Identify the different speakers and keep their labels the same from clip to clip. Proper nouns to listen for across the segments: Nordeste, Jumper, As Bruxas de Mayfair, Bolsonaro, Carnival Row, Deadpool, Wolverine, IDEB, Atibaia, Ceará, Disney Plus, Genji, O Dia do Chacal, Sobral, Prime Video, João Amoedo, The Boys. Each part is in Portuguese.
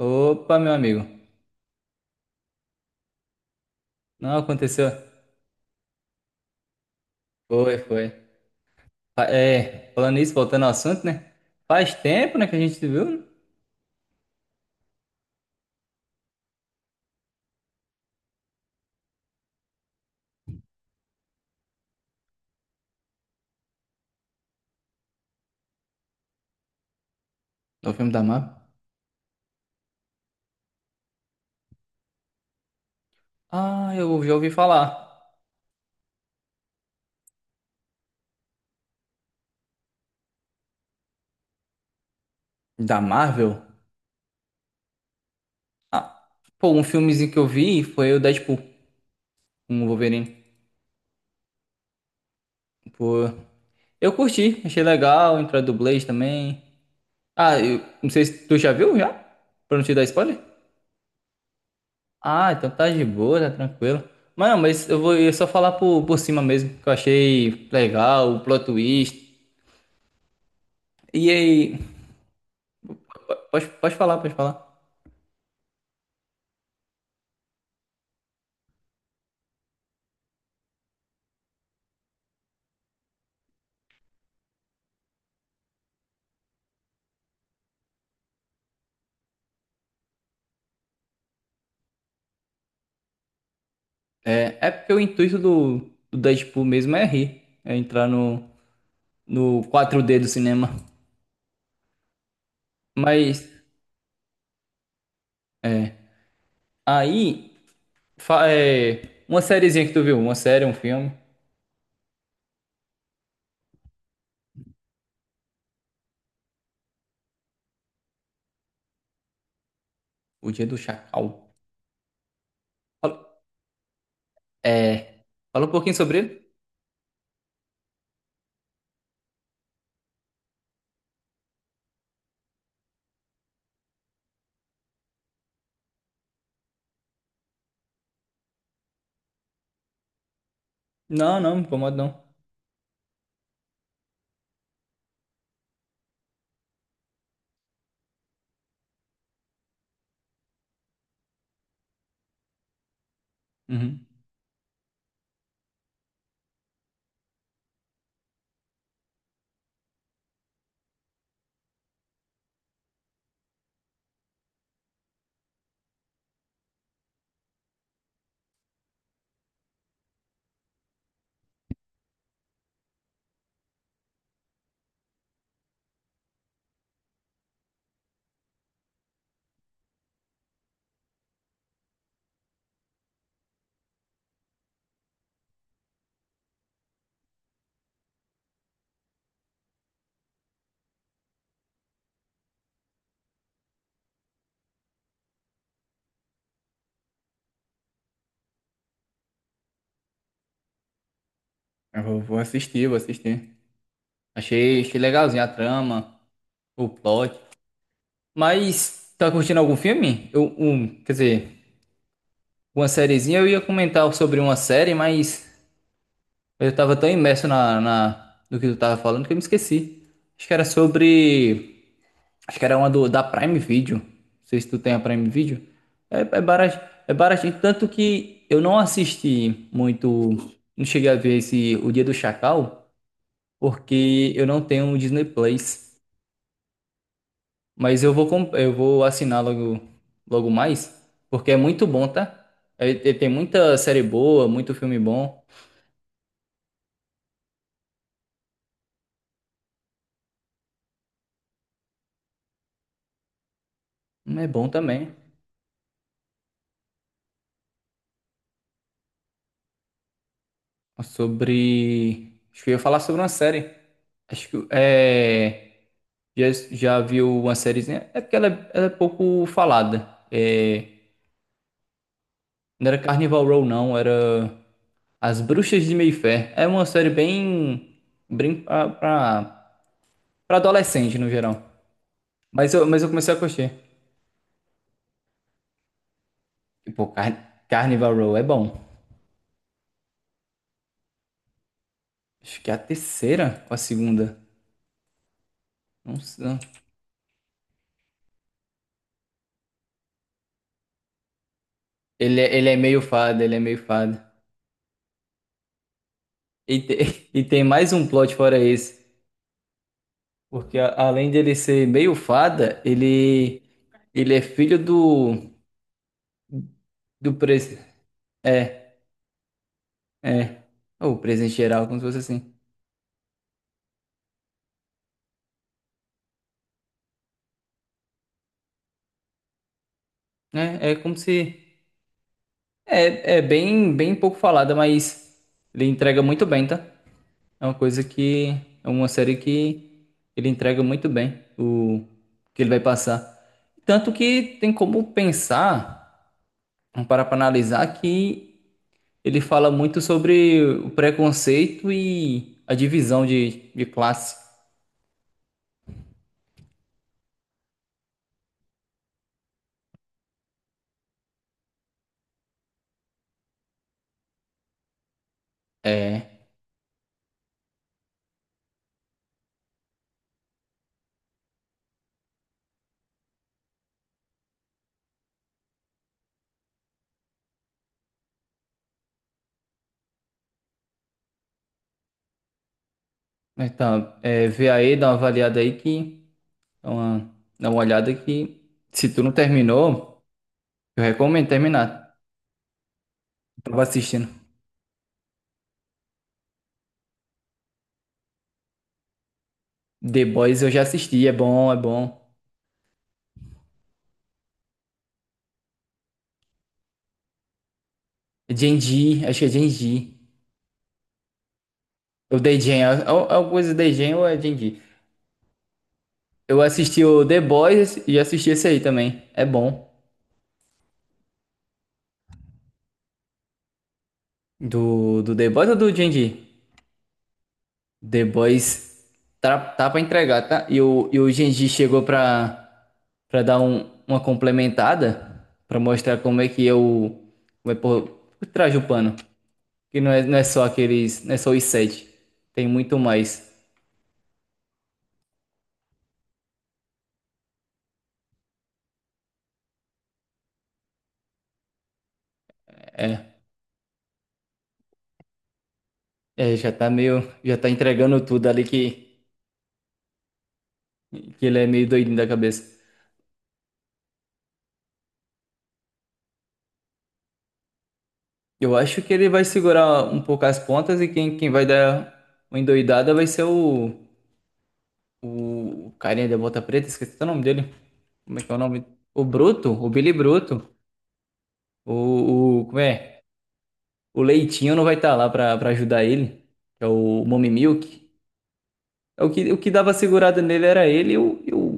Speaker 1: Opa, meu amigo. Não aconteceu? Foi, foi. Falando isso, voltando ao assunto, né? Faz tempo, né, que a gente se viu, né? No filme da Marvel. Ah, eu já ouvi falar. Da Marvel? Ah, Pô, um filmezinho que eu vi foi o Deadpool, com o Wolverine. Pô, eu curti, achei legal, entrou a dublês também. Ah, eu não sei se tu já viu, já? Pra não te dar spoiler? Ah, então tá de boa, tá tranquilo. Mas não, mas eu só falar por cima mesmo, que eu achei legal, o plot twist. E aí, pode falar. É, é porque o intuito do Deadpool mesmo é rir, é entrar no 4D do cinema. Mas, é. Aí, uma sériezinha que tu viu, uma série, um filme, O Dia do Chacal. Fala- É, fala um pouquinho sobre ele? Não, não, me incomoda não. Uhum. Eu vou, vou assistir, vou assistir. Achei, achei legalzinho a trama, o plot. Mas, tá curtindo algum filme? Eu, um, quer dizer, uma sériezinha. Eu ia comentar sobre uma série, mas eu tava tão imerso na, no que tu tava falando que eu me esqueci. Acho que era sobre. Acho que era uma do, da Prime Video. Não sei se tu tem a Prime Video. É, é barato, é baratinho. Tanto que eu não assisti muito. Não cheguei a ver esse O Dia do Chacal, porque eu não tenho o Disney Plus. Mas eu vou, eu vou assinar logo, logo mais, porque é muito bom, tá? Tem muita série boa, muito filme bom. Um é bom também. Sobre. Acho que eu ia falar sobre uma série. Acho que é. Já, já viu uma sériezinha? É porque ela é pouco falada. É, não era Carnival Row, não. Era As Bruxas de Mayfair. É uma série bem. Bem pra, pra, pra adolescente, no geral. Mas eu comecei a curtir. E, pô, Carnival Row é bom. Acho que é a terceira ou a segunda. Não sei. Ele, ele é meio fado, ele é meio fado. E, e tem mais um plot fora esse, porque além dele ser meio fada, ele é filho do do pres é é ou presidente geral, como se fosse assim. É, é como se é, é bem bem pouco falada, mas ele entrega muito bem, tá? É uma coisa que é uma série que ele entrega muito bem o que ele vai passar. Tanto que tem como pensar, vamos parar pra analisar que ele fala muito sobre o preconceito e a divisão de classe. É, então, é, vê aí, dá uma avaliada aí que dá uma olhada que se tu não terminou, eu recomendo terminar. Eu tava assistindo. The Boys eu já assisti, é bom, é bom. Genji, acho que é Genji. Ou The Gen, é é uma coisa The Gen ou é Genji. Eu assisti o The Boys e assisti esse aí também. É bom. Do, do The Boys ou do Genji? The Boys tá, tá pra entregar, tá? E o Genji chegou pra, pra dar uma complementada, pra mostrar como é que eu. Como é por trás do pano. Que não é, não é só aqueles. Não é só os sete. Tem muito mais. É, é, já tá meio. Já tá entregando tudo ali que ele é meio doidinho da cabeça. Eu acho que ele vai segurar um pouco as pontas e quem, quem vai dar uma endoidada vai ser o. O, carinha da bota preta, esqueci o nome dele. Como é que é o nome? O Bruto, o Billy Bruto. Como é? O Leitinho não vai estar lá pra, pra ajudar ele. Que é o Mommy Milk. É o que dava segurada nele era ele e o, e o,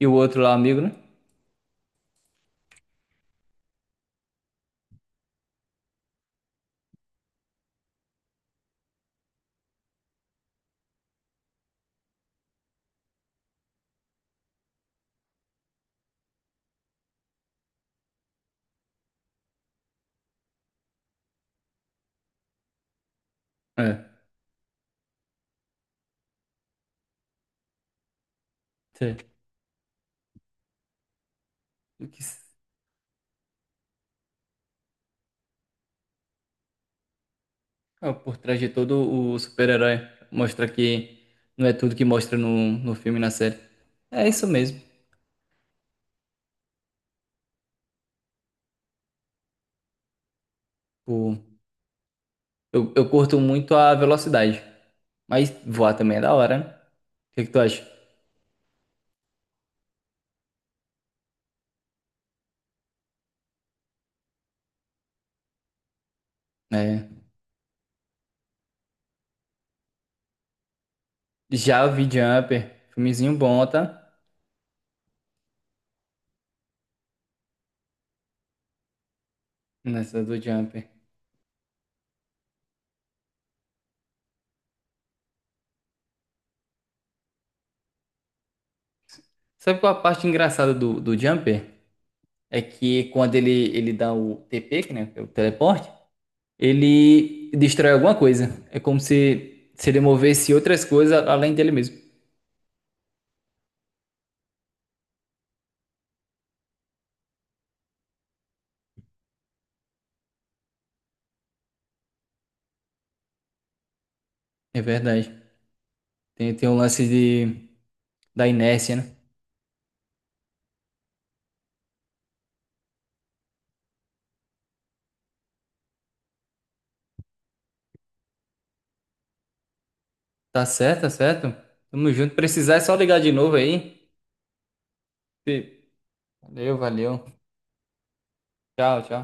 Speaker 1: e o outro lá, amigo, né? É. Sei. O que s- ah, por trás de todo o super-herói. Mostra que não é tudo que mostra no, no filme e na série. É isso mesmo. Tipo, eu curto muito a velocidade. Mas voar também é da hora, né? O que é que tu acha? É. Já eu vi Jumper, filmezinho bom, tá? Nessa do Jumper. Sabe qual a parte engraçada do Jumper? É que quando ele dá o TP, que, né, que é o teleporte, ele destrói alguma coisa. É como se ele movesse outras coisas além dele mesmo. É verdade. Tem, tem um lance de, da inércia, né? Tá certo, tá certo. Tamo junto. Precisar é só ligar de novo aí. Sim. Valeu, valeu. Tchau, tchau.